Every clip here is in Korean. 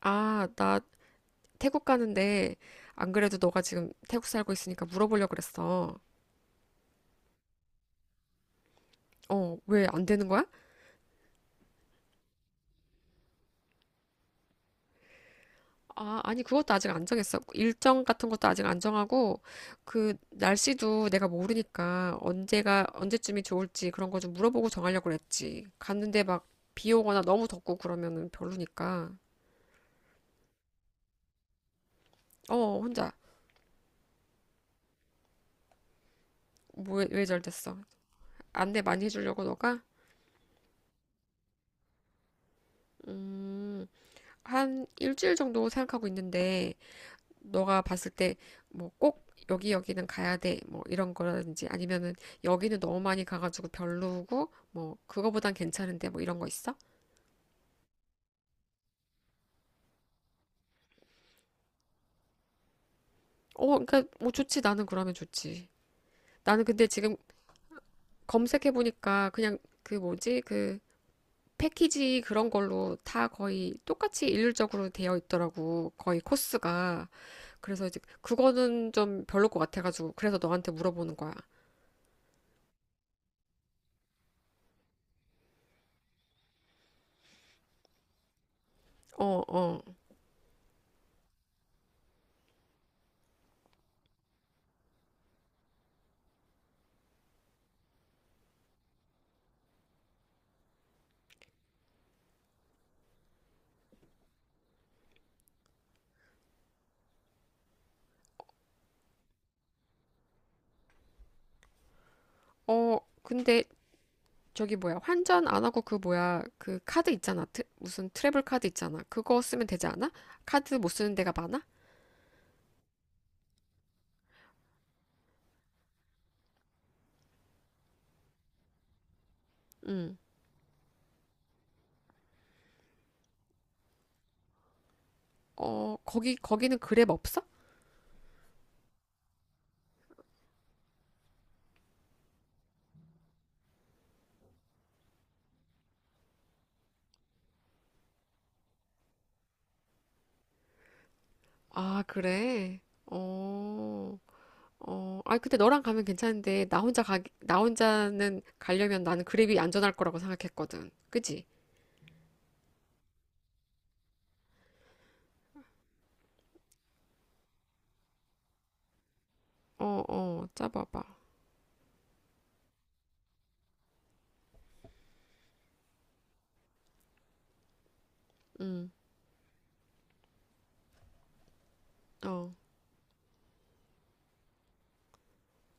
아, 나 태국 가는데, 안 그래도 너가 지금 태국 살고 있으니까 물어보려고 그랬어. 어, 왜 안 되는 거야? 아, 아니, 그것도 아직 안 정했어. 일정 같은 것도 아직 안 정하고, 그 날씨도 내가 모르니까 언제가 언제쯤이 좋을지 그런 거 좀 물어보고 정하려고 그랬지. 갔는데 막 비 오거나 너무 덥고 그러면은 별로니까. 어, 혼자. 뭐 왜 잘됐어? 안내 많이 해주려고 너가? 음, 한 일주일 정도 생각하고 있는데, 너가 봤을 때 뭐 꼭 여기 여기는 가야 돼, 뭐 이런 거라든지, 아니면은 여기는 너무 많이 가가지고 별로고 뭐 그거보단 괜찮은데 뭐 이런 거 있어? 어, 그러니까 뭐 좋지. 나는 그러면 좋지. 나는 근데 지금 검색해 보니까, 그냥 그 뭐지 그 패키지 그런 걸로 다 거의 똑같이 일률적으로 되어 있더라고, 거의 코스가. 그래서 이제 그거는 좀 별로 것 같아가지고, 그래서 너한테 물어보는 거야. 어. 어. 어. 근데 저기 뭐야, 환전 안 하고 그 뭐야 그 카드 있잖아, 무슨 트래블 카드 있잖아, 그거 쓰면 되지 않아? 카드 못 쓰는 데가 많아? 응. 어, 거기는 그랩 없어? 아, 그래. 어. 어. 아, 근데 너랑 가면 괜찮은데, 나 혼자는 가려면 나는 그랩이 안전할 거라고 생각했거든. 그지? 어. 어. 짜봐봐. 응. 어.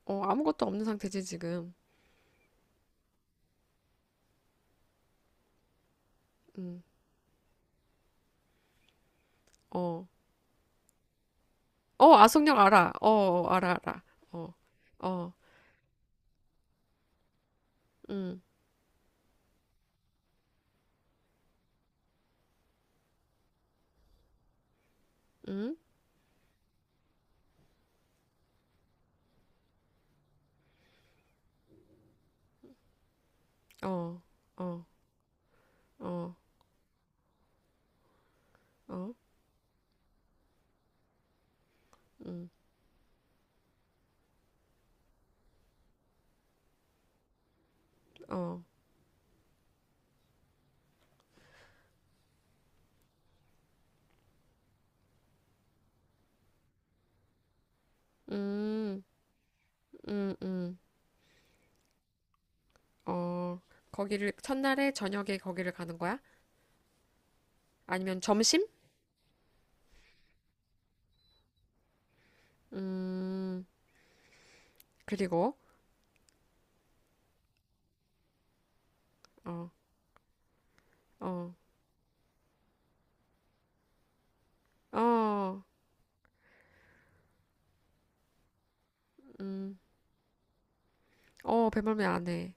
어, 아무것도 없는 상태지 지금. 응. 어. 어, 아속역 알아. 어, 어, 알아 알아. 어. 어. 응. 응? 어. 어. 어. 어. 음. 어. 음. 음. 음. 어. 거기를, 첫날에 저녁에 거기를 가는 거야? 아니면 점심? 음. 그리고. 어. 어. 어. 음. 어, 배멀미 안 해.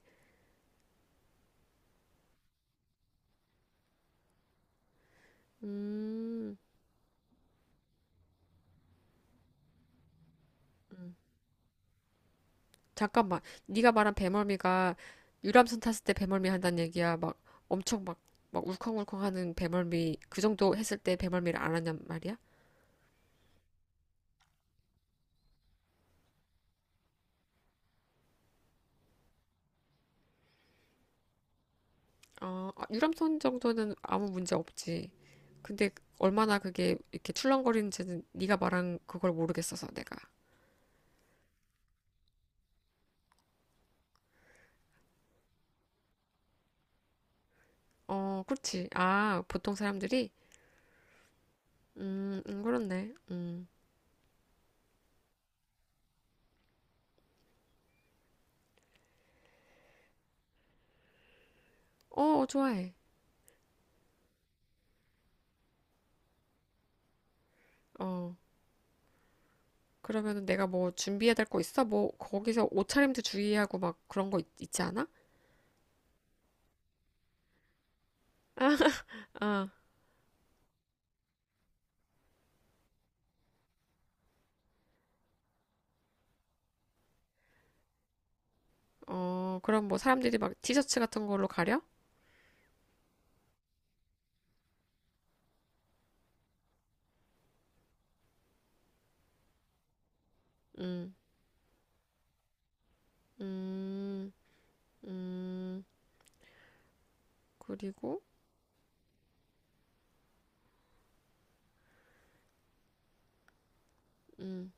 음, 잠깐만. 네가 말한 배멀미가 유람선 탔을 때 배멀미 한다는 얘기야. 막 엄청 막, 막 울컹울컹 하는 배멀미, 그 정도 했을 때 배멀미를 안 하냐 말이야? 아, 아, 유람선 정도는 아무 문제 없지. 근데 얼마나 그게 이렇게 출렁거리는지는 네가 말한 그걸 모르겠어서 내가. 어, 그렇지. 아, 보통 사람들이. 음. 음. 그렇네. 음. 어, 좋아해. 어. 그러면은 내가 뭐 준비해야 될 거 있어? 뭐 거기서 옷차림도 주의하고 막 그런 거 있지 않아? 아, 어, 그럼 뭐 사람들이 막 티셔츠 같은 걸로 가려? 음. 음. 음. 그리고. 음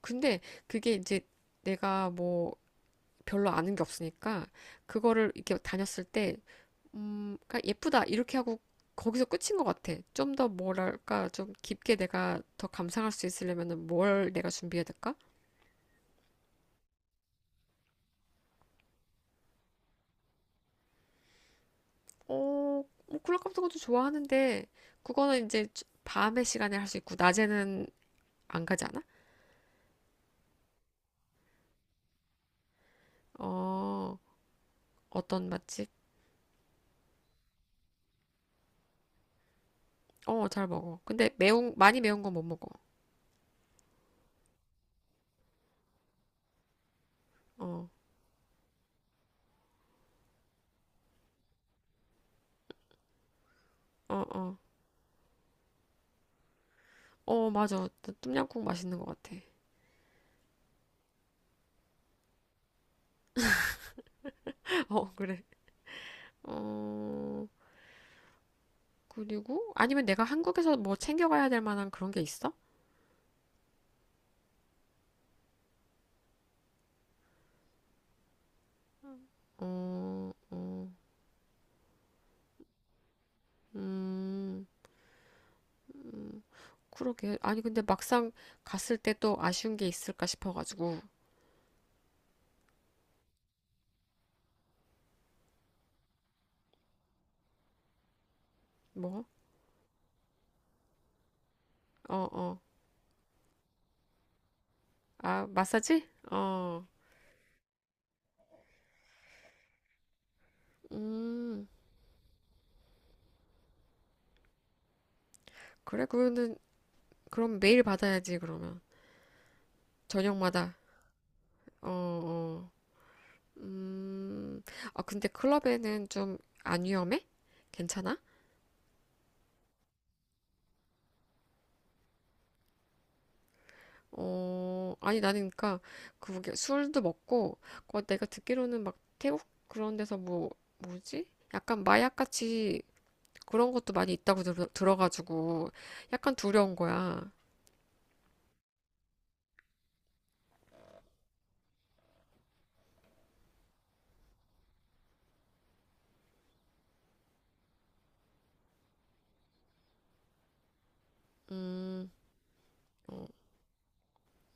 근데 그게 이제 내가 뭐 별로 아는 게 없으니까 그거를 이렇게 다녔을 때, 그러니까 예쁘다 이렇게 하고 거기서 끝인 것 같아. 좀 더 뭐랄까 좀 깊게 내가 더 감상할 수 있으려면은 뭘 내가 준비해야 될까? 어, 뭐 콜라 같은 것도 좋아하는데, 그거는 이제 밤의 시간에 할 수 있고 낮에는 안 가지 않아? 어, 어떤 맛집? 어, 잘 먹어. 근데 매운 많이 매운 건 못 먹어. 어. 어. 어. 어, 맞아. 똠양꿍 맛있는 것 같아. 어, 그래. 어, 그리고 아니면 내가 한국에서 뭐 챙겨가야 될 만한 그런 게 있어? 어. 어. 음. 음. 그러게. 아니, 근데 막상 갔을 때 또 아쉬운 게 있을까 싶어가지고. 뭐? 어. 어. 아, 마사지? 어. 음. 그래, 그거는, 그럼 매일 받아야지, 그러면. 저녁마다. 어. 어. 음. 아, 근데 클럽에는 좀 안 위험해? 괜찮아? 어, 아니, 나는 그니까, 그게 술도 먹고, 그 내가 듣기로는 막 태국 그런 데서 뭐, 뭐지? 약간 마약같이 그런 것도 많이 있다고 들어가지고, 약간 두려운 거야. 음. 어.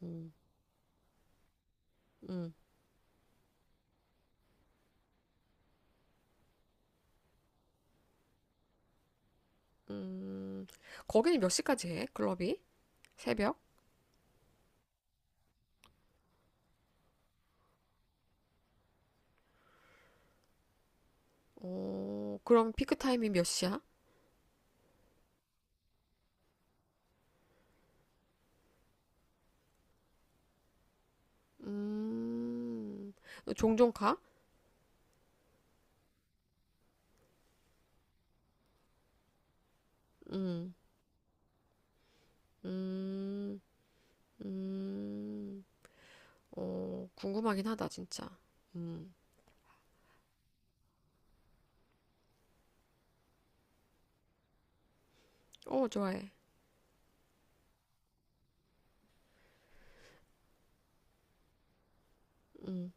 음. 음. 음. 거기는 몇 시까지 해? 클럽이? 새벽? 어, 그럼 피크 타임이 몇 시야? 음, 너 종종 가? 음. 음. 음. 어, 궁금하긴 하다, 진짜. 음. 어, 좋아해. 음.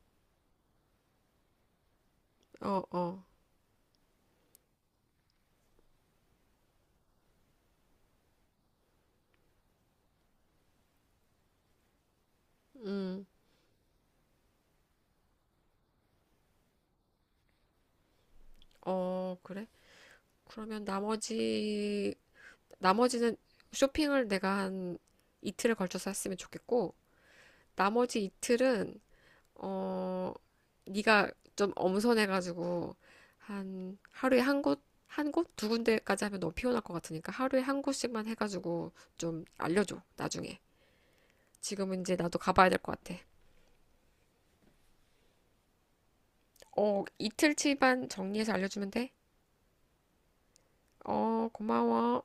어. 어. 음. 어, 그래? 그러면 나머지는 쇼핑을 내가 한 이틀에 걸쳐서 했으면 좋겠고, 나머지 이틀은, 어, 네가 좀 엄선해가지고, 하루에 한 곳, 한 곳? 두 군데까지 하면 너무 피곤할 것 같으니까, 하루에 한 곳씩만 해가지고, 좀 알려줘, 나중에. 지금은 이제 나도 가봐야 될 것 같아. 어, 이틀치만 정리해서 알려주면 돼? 어, 고마워.